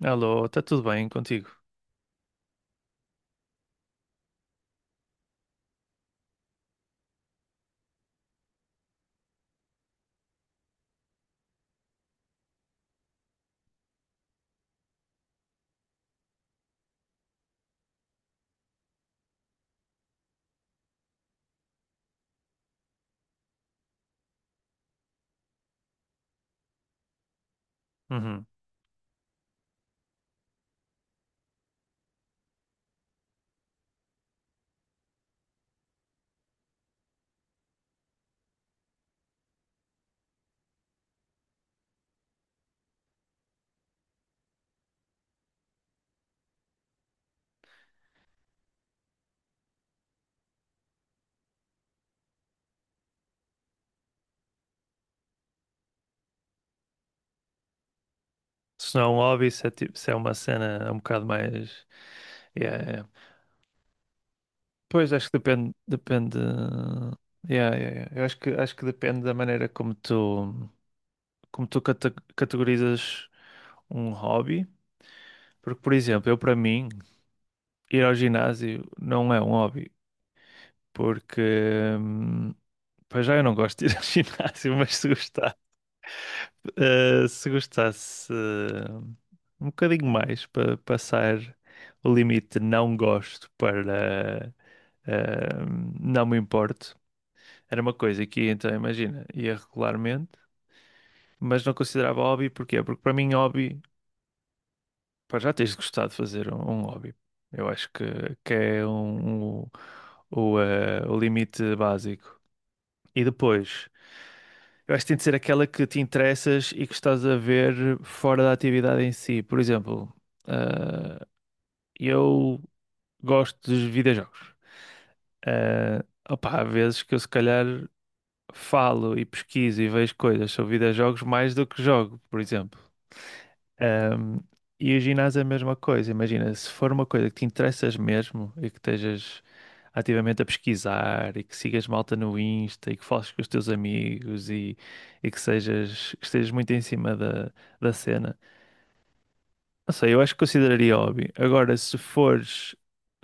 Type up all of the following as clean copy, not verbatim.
Alô, está tudo bem contigo? Uhum. Se não é um hobby, se é, tipo, se é uma cena um bocado mais. Yeah, yeah. Pois acho que depende. Depende. Yeah, yeah, yeah. Eu acho que depende da maneira como tu, como tu categorizas um hobby. Porque, por exemplo, eu para mim, ir ao ginásio não é um hobby. Porque. hum, Pois já eu não gosto de ir ao ginásio, mas se gostasse um bocadinho mais para passar o limite de não gosto para eh, não me importo, era uma coisa que então imagina, ia regularmente, mas não considerava hobby, porquê? Porque para mim hobby, pá, já tens de gostar de fazer um hobby. Eu acho que é o limite básico. E depois, eu acho que tem de ser aquela que te interessas e que estás a ver fora da atividade em si. Por exemplo, ah, eu gosto de videojogos. Ah, opá, há vezes que eu se calhar falo e pesquiso e vejo coisas sobre videojogos mais do que jogo, por exemplo. Ahm, e o ginásio é a mesma coisa. Imagina, se for uma coisa que te interessas mesmo e que estejas ativamente a pesquisar e que sigas malta no Insta e que fales com os teus amigos e que sejas, que estejas muito em cima da cena. Não sei, eu acho que consideraria hobby. Agora, se fores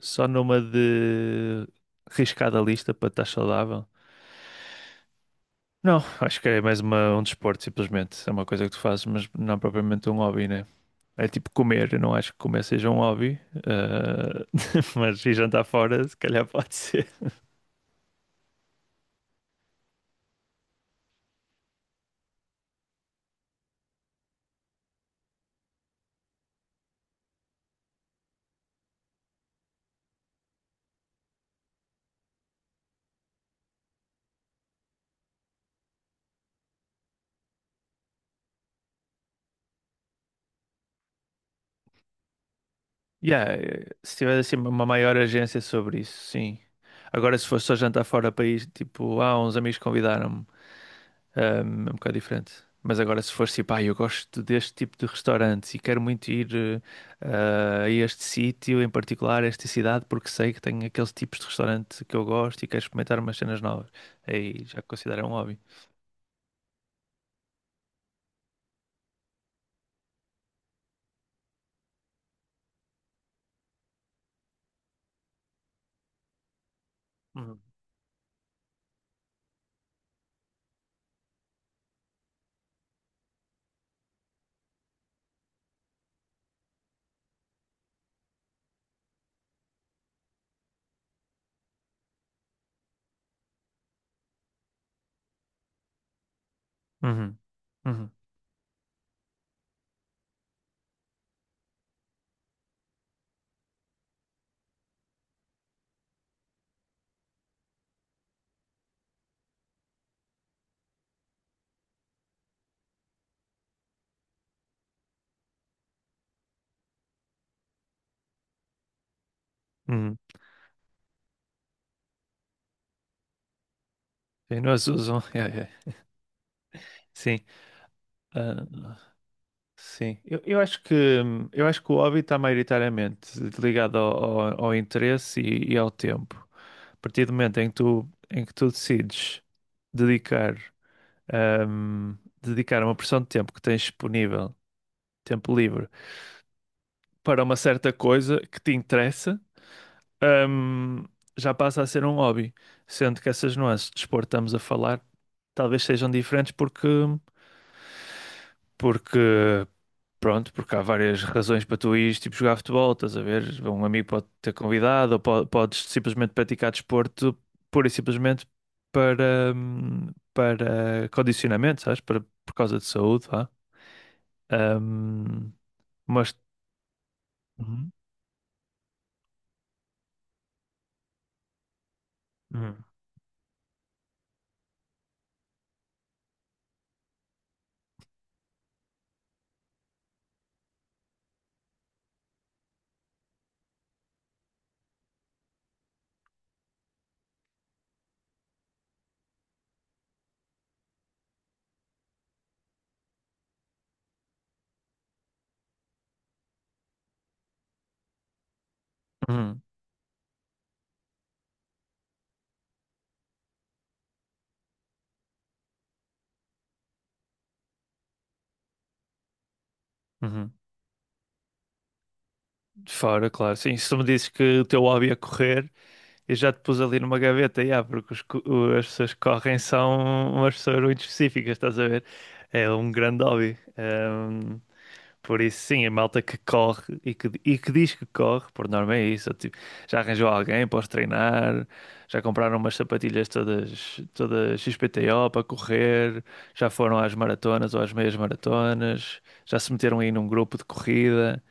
só numa de riscada lista para estar saudável, não, acho que é mais um desporto, simplesmente. É uma coisa que tu fazes, mas não é propriamente um hobby, né? É tipo comer, eu não acho que comer seja um hobby, ah, mas ir jantar fora, se calhar pode ser. Yeah, se tiver assim uma maior agência sobre isso, sim. Agora, se for só jantar fora do país, tipo, uns amigos convidaram-me, é um bocado diferente. Mas agora, se for tipo, eu gosto deste tipo de restaurante e quero muito ir a este sítio, em particular, a esta cidade, porque sei que tem aqueles tipos de restaurante que eu gosto e quero experimentar umas cenas novas. Aí já considero um hobby. Uhum. Uhum. Uhum. Uhum. Sim, nós usam. Yeah, yeah. Sim. Ah, sim, eu acho que o hobby está maioritariamente ligado ao interesse e ao tempo. A partir do momento em que tu decides dedicar, ahm, dedicar uma porção de tempo que tens disponível, tempo livre, para uma certa coisa que te interessa, ahm, já passa a ser um hobby. Sendo que essas nuances de desporto que estamos a falar talvez sejam diferentes porque Pronto, porque há várias razões para tu ires tipo, jogar futebol, estás a ver? Um amigo pode ter convidado, ou podes simplesmente praticar desporto pura e simplesmente para condicionamento, sabes? Para, por causa de saúde, vá. Hum, mas. Uhum. Uhum, uhum, uhum. Fora, claro, sim. Se tu me dizes que o teu hobby é correr, eu já te pus ali numa gaveta, yeah, porque as pessoas que correm são umas pessoas muito específicas, estás a ver? É um grande hobby. Por isso, sim, a malta que corre e que diz que corre, por norma é isso. Tipo, já arranjou alguém para os treinar, já compraram umas sapatilhas todas, todas XPTO para correr, já foram às maratonas ou às meias maratonas, já se meteram aí num grupo de corrida.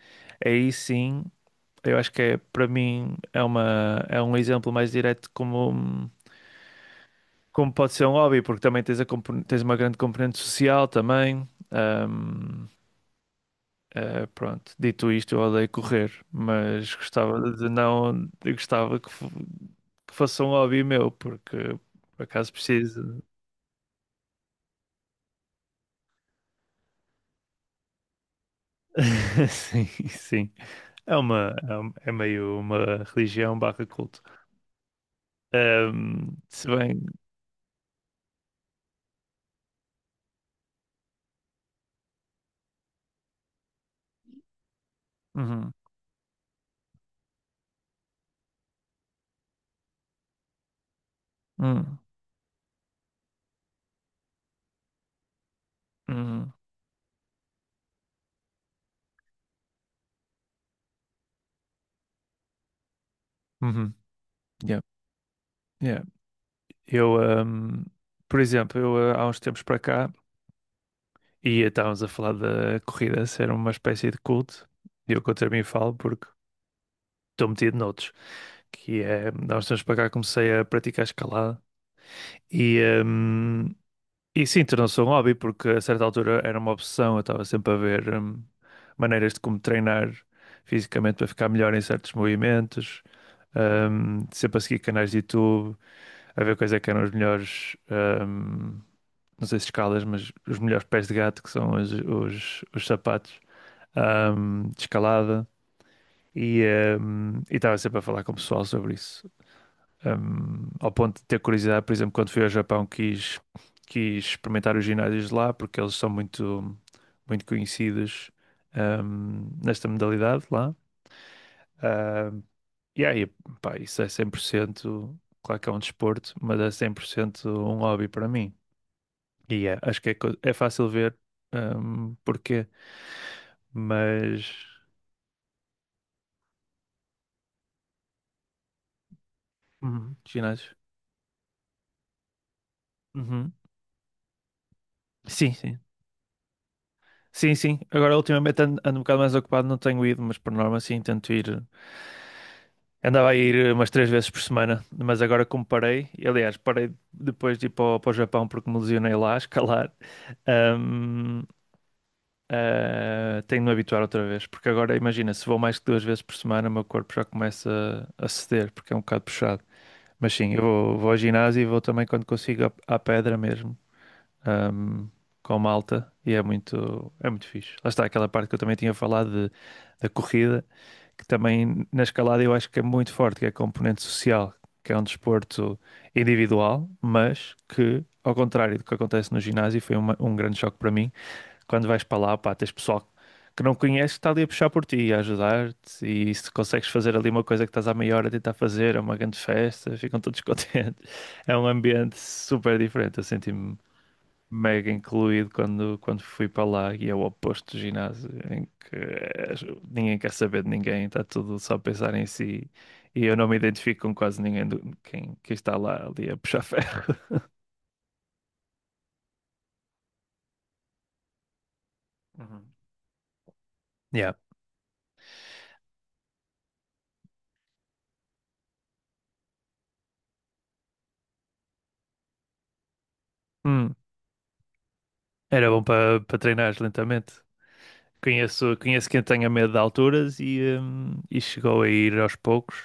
Aí sim, eu acho que é, para mim é um exemplo mais direto como pode ser um hobby, porque também tens, tens uma grande componente social também. Pronto, dito isto, eu odeio correr, mas gostava de não, eu gostava que fosse um hobby meu, porque por acaso preciso. Sim, sim. É meio uma religião barra culto. Se bem. Uhum, uhum, uhum, uhum, yeah, yeah. Eu, ahm, por exemplo, eu há uns tempos para cá e estávamos a falar da corrida ser uma espécie de culto, e eu contra mim falo porque estou metido noutros. Que é, há uns tempos para cá comecei a praticar escalada e, hum, e sim, tornou-se um hobby porque a certa altura era uma obsessão, eu estava sempre a ver maneiras de como treinar fisicamente para ficar melhor em certos movimentos, sempre a seguir canais de YouTube, a ver quais é que eram os melhores, não sei se escalas, mas os melhores pés de gato que são os sapatos de escalada. E e estava sempre a falar com o pessoal sobre isso. Ao ponto de ter curiosidade, por exemplo, quando fui ao Japão, quis experimentar os ginásios de lá, porque eles são muito, muito conhecidos, nesta modalidade lá. Ah, e aí, pá, isso é 100% claro que é um desporto, mas é 100% um hobby para mim. E é, acho que é, é fácil ver, porquê, mas... Uhum, ginásios. Uhum. Sim, sim. Sim, sim. Agora, ultimamente ando um bocado mais ocupado, não tenho ido, mas por norma, sim, tento ir. Andava a ir umas três vezes por semana, mas agora como parei, e, aliás, parei depois de ir para o, para o Japão porque me lesionei lá a escalar. ahm, Tenho de me habituar outra vez, porque agora imagina, se vou mais que duas vezes por semana, o meu corpo já começa a ceder, porque é um bocado puxado. Mas sim, eu vou ao ginásio e vou também quando consigo à pedra mesmo, ahm, com malta, e é muito fixe. Lá está aquela parte que eu também tinha falado de, da corrida que também na escalada eu acho que é muito forte, que é a componente social, que é um desporto individual, mas que, ao contrário do que acontece no ginásio, foi um grande choque para mim. Quando vais para lá, pá, tens pessoal que não conheces que está ali a puxar por ti, a ajudar-te, e se consegues fazer ali uma coisa que estás há meia hora a tentar fazer, é uma grande festa, ficam todos contentes. É um ambiente super diferente, eu senti mega incluído quando fui para lá e é o oposto do ginásio, em que ninguém quer saber de ninguém, está tudo só a pensar em si. E eu não me identifico com quase ninguém quem está lá ali a puxar ferro. Uhum. Yeah. Hum, Era bom para treinar lentamente. Conheço quem tenha medo de alturas e chegou a ir aos poucos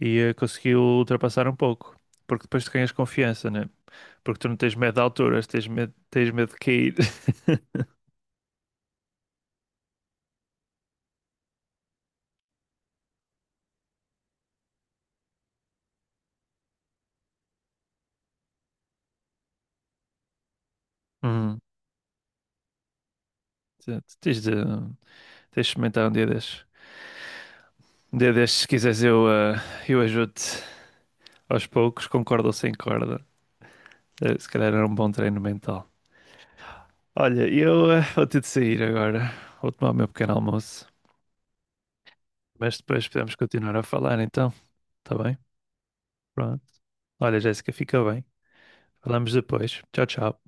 e conseguiu ultrapassar um pouco. Porque depois tu ganhas confiança, né? Porque tu não tens medo de alturas, tens medo de cair. Uhum. Exato. Tens de experimentar um dia destes. Um dia destes, se quiseres, eu ajudo-te aos poucos, com corda ou sem corda. Se calhar era um bom treino mental. Olha, eu vou ter de sair agora. Vou tomar o meu pequeno almoço. Mas depois podemos continuar a falar, então. Tá bem? Pronto. Olha, Jéssica, fica bem. Falamos depois. Tchau, tchau.